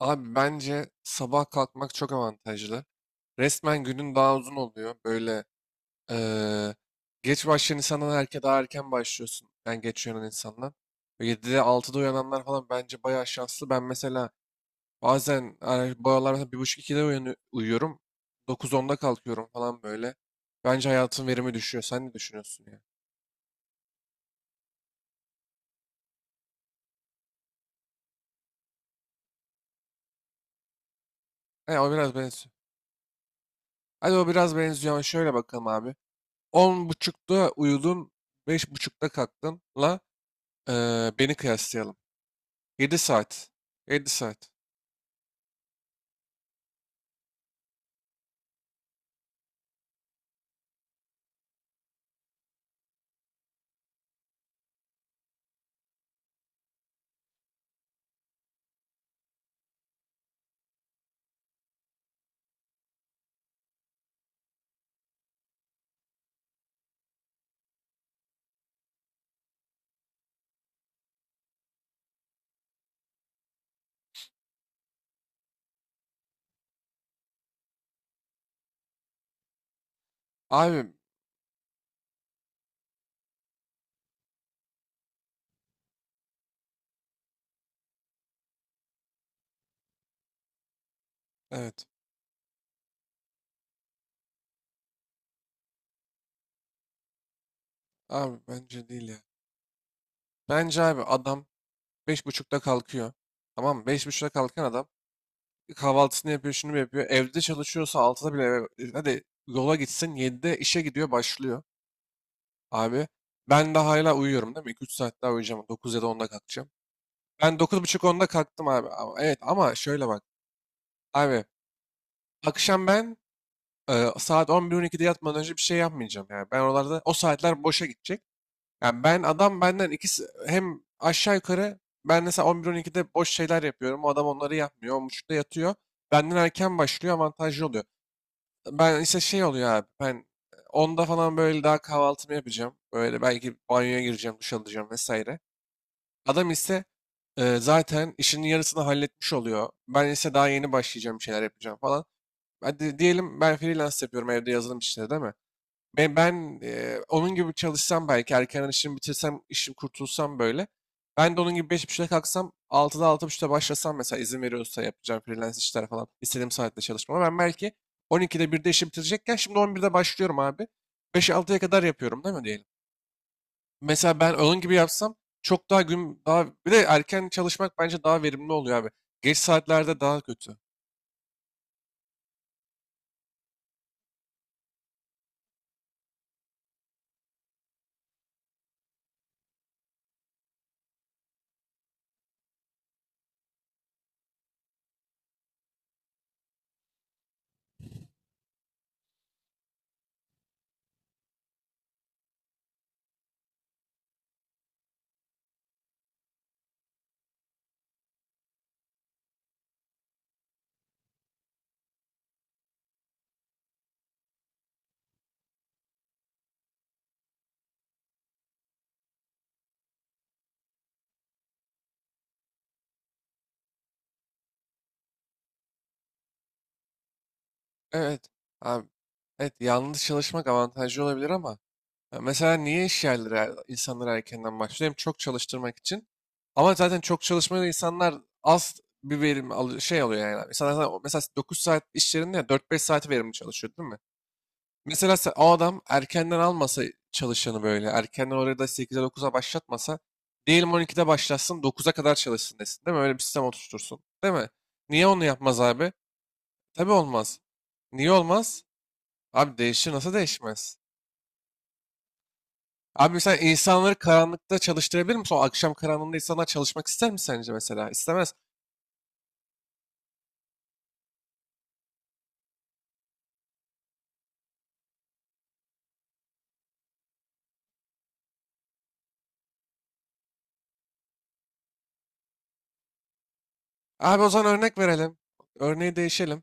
Abi bence sabah kalkmak çok avantajlı. Resmen günün daha uzun oluyor. Böyle eee, geç başlayan insandan daha erken başlıyorsun. Ben geç uyanan insandan. Böyle 7'de 6'da uyananlar falan bence bayağı şanslı. Ben mesela bazen bu aralar mesela 1.30-2'de uyuyorum. 9-10'da kalkıyorum falan böyle. Bence hayatın verimi düşüyor. Sen ne düşünüyorsun ya? He, o biraz benziyor. Hadi o biraz benziyor ama şöyle bakalım abi. 10.30'da uyudun, 5.30'da kalktın. Beni kıyaslayalım. 7 saat. 7 saat. Abi, evet. Abi bence değil ya. Bence abi adam 5.30'da kalkıyor. Tamam mı? 5.30'da kalkan adam kahvaltısını yapıyor, şunu yapıyor. Evde çalışıyorsa 6'da bile hadi yola gitsin, 7'de işe gidiyor, başlıyor abi. Ben daha hala uyuyorum değil mi? 2-3 saat daha uyuyacağım. 9 ya da 10'da kalkacağım. Ben dokuz buçuk onda kalktım abi. Evet ama şöyle bak. Abi akşam ben, saat 11-12'de yatmadan önce bir şey yapmayacağım. Yani ben oralarda o saatler boşa gidecek. Yani ben adam benden ikisi hem aşağı yukarı ben mesela 11-12'de boş şeyler yapıyorum. O adam onları yapmıyor. 10.30'da yatıyor. Benden erken başlıyor, avantajlı oluyor. Ben ise şey oluyor abi, ben 10'da falan böyle daha kahvaltımı yapacağım. Böyle belki banyoya gireceğim, duş alacağım vesaire. Adam ise zaten işinin yarısını halletmiş oluyor. Ben ise daha yeni başlayacağım, bir şeyler yapacağım falan. Hadi diyelim ben freelance yapıyorum evde, yazılım işleri değil mi? Ve ben onun gibi çalışsam belki erken işimi bitirsem, işim kurtulsam böyle. Ben de onun gibi 5.30'da kalksam, altıda altı buçukta başlasam, mesela izin veriyorsa yapacağım freelance işler falan istediğim saatte çalışmama. Ben belki on iki'de birde işi bitirecekken şimdi 11'de başlıyorum abi. Beş altıya kadar yapıyorum değil mi diyelim. Mesela ben onun gibi yapsam çok daha gün daha bir de erken çalışmak bence daha verimli oluyor abi. Geç saatlerde daha kötü. Evet abi. Evet, yalnız çalışmak avantajlı olabilir ama ya mesela niye iş yerleri insanları erkenden başlıyor? Hem çok çalıştırmak için. Ama zaten çok çalışmayan insanlar az bir verim alıyor yani. Mesela, zaten mesela 9 saat iş yerinde ya 4-5 saati verimli çalışıyor değil mi? Mesela o adam erkenden almasa çalışanı böyle. Erkenden orada 8'e 9'a başlatmasa. Diyelim 12'de başlatsın, 9'a kadar çalışsın desin değil mi? Öyle bir sistem oturtursun. Değil mi? Niye onu yapmaz abi? Tabii olmaz. Niye olmaz? Abi değişir, nasıl değişmez? Abi mesela insanları karanlıkta çalıştırabilir misin? O akşam karanlığında insanlar çalışmak ister mi sence mesela? İstemez. Abi o zaman örnek verelim. Örneği değişelim.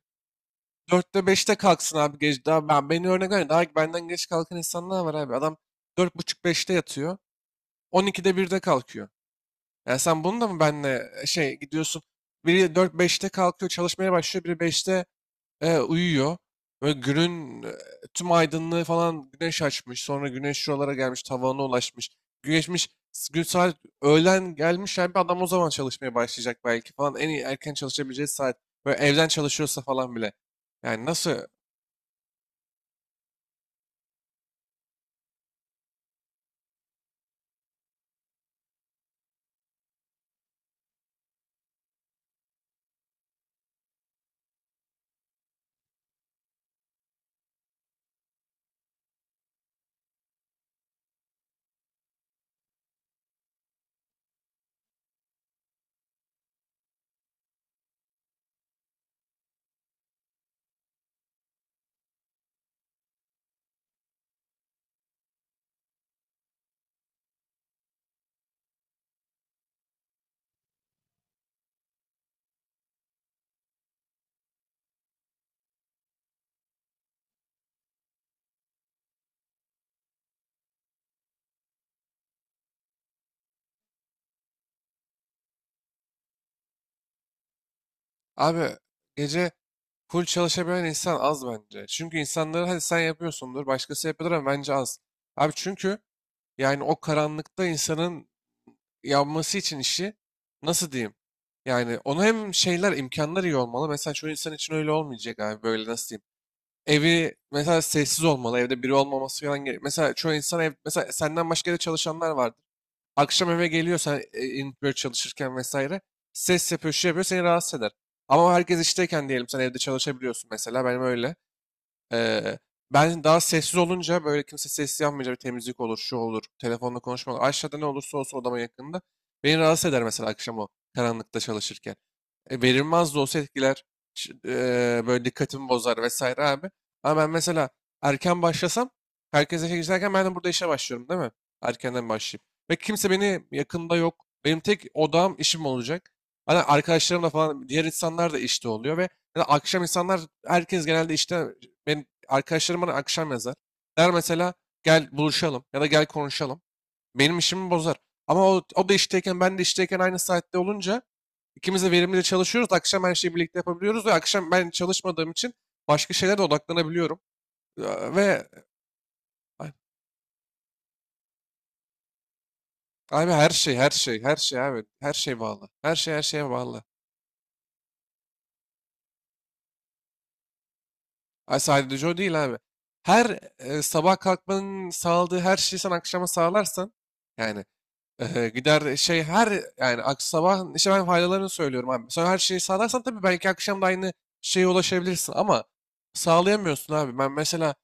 Dörtte beşte kalksın abi, gece. Daha ben, beni örnek ver. Daha benden geç kalkan insanlar var abi. Adam dört buçuk beşte yatıyor. 12'de birde kalkıyor. Yani sen bunu da mı benle şey gidiyorsun? Biri dört beşte kalkıyor, çalışmaya başlıyor. Biri beşte uyuyor. Böyle günün tüm aydınlığı falan güneş açmış. Sonra güneş şuralara gelmiş, tavana ulaşmış. Güneşmiş, gün saat öğlen gelmiş. Yani bir adam o zaman çalışmaya başlayacak belki falan. En iyi erken çalışabileceği saat. Böyle evden çalışıyorsa falan bile. Yani nasıl? Abi gece full çalışabilen insan az bence. Çünkü insanları hadi sen yapıyorsundur, başkası yapıyordur ama bence az. Abi çünkü yani o karanlıkta insanın yapması için işi nasıl diyeyim? Yani onu hem şeyler imkanlar iyi olmalı. Mesela çoğu insan için öyle olmayacak abi, böyle nasıl diyeyim? Evi mesela sessiz olmalı. Evde biri olmaması falan gerek. Mesela çoğu insan, ev mesela senden başka da çalışanlar vardır. Akşam eve geliyor, sen böyle çalışırken vesaire ses yapıyor, şey yapıyor, seni rahatsız eder. Ama herkes işteyken diyelim sen evde çalışabiliyorsun, mesela benim öyle. Eee, Ben daha sessiz olunca, böyle kimse sessiz yapmayınca, bir temizlik olur, şu olur, telefonla konuşma olur. Aşağıda ne olursa olsun odama yakında. Beni rahatsız eder mesela akşam o karanlıkta çalışırken. Verilmez de olsa etkiler. Ç- Böyle dikkatimi bozar vesaire abi. Ama ben mesela erken başlasam, herkes işe giderken ben de burada işe başlıyorum değil mi? Erkenden başlayayım. Ve kimse beni yakında yok. Benim tek odağım işim olacak. Hani arkadaşlarım da falan diğer insanlar da işte oluyor ve ya da akşam insanlar, herkes genelde işte, benim arkadaşlarım bana akşam yazar. Der mesela, gel buluşalım ya da gel konuşalım. Benim işimi bozar. Ama o da işteyken, ben de işteyken aynı saatte olunca İkimiz de verimli çalışıyoruz. Akşam her şeyi birlikte yapabiliyoruz ve akşam ben çalışmadığım için başka şeylere de odaklanabiliyorum. Ya, ve ay, abi, her şey, her şey, her şey abi. Her şey bağlı. Her şey her şeye bağlı. Ay, sadece o değil abi. Her sabah kalkmanın sağladığı her şeyi sen akşama sağlarsan, yani gider şey her yani sabah, işte ben faydalarını söylüyorum abi. Sonra her şeyi sağlarsan tabii belki akşam da aynı şeye ulaşabilirsin ama sağlayamıyorsun abi. Ben mesela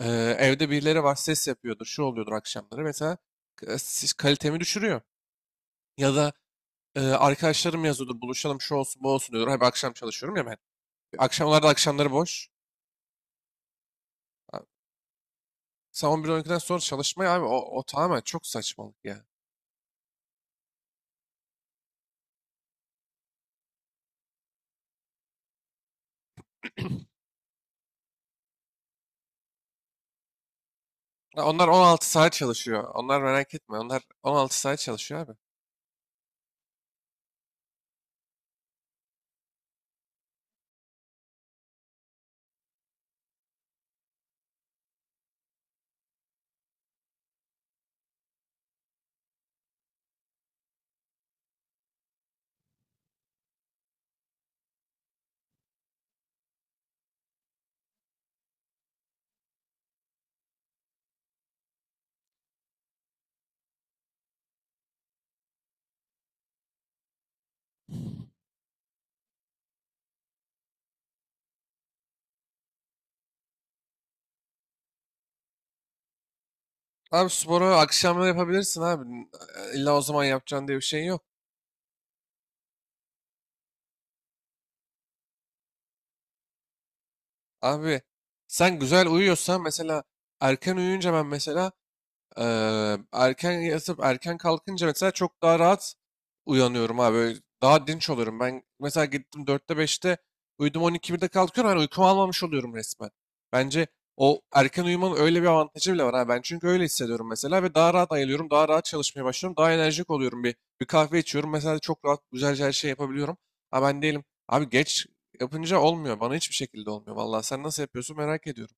Evde birileri var, ses yapıyordur, şu oluyordur akşamları. Mesela kalitemi düşürüyor. Ya da arkadaşlarım yazıyordur, buluşalım şu olsun bu olsun diyordur. Abi akşam çalışıyorum ya ben. Akşamlarda akşamları boş. Abi, sen 11-12'den sonra çalışmaya, abi o tamamen çok saçmalık ya. Ya, onlar 16 saat çalışıyor. Onlar merak etme. Onlar 16 saat çalışıyor abi. Abi sporu akşamları yapabilirsin abi. İlla o zaman yapacaksın diye bir şey yok. Abi sen güzel uyuyorsan mesela erken uyuyunca, ben mesela erken yatıp erken kalkınca mesela çok daha rahat uyanıyorum abi. Böyle, daha dinç oluyorum. Ben mesela gittim dörtte beşte uyudum, on iki birde kalkıyorum. Hani uykumu almamış oluyorum resmen. Bence o erken uyumanın öyle bir avantajı bile var. Ha. Ben çünkü öyle hissediyorum mesela ve daha rahat ayılıyorum. Daha rahat çalışmaya başlıyorum. Daha enerjik oluyorum. Bir kahve içiyorum. Mesela çok rahat güzelce her şey yapabiliyorum. Ha, ben değilim. Abi geç yapınca olmuyor. Bana hiçbir şekilde olmuyor. Vallahi sen nasıl yapıyorsun merak ediyorum.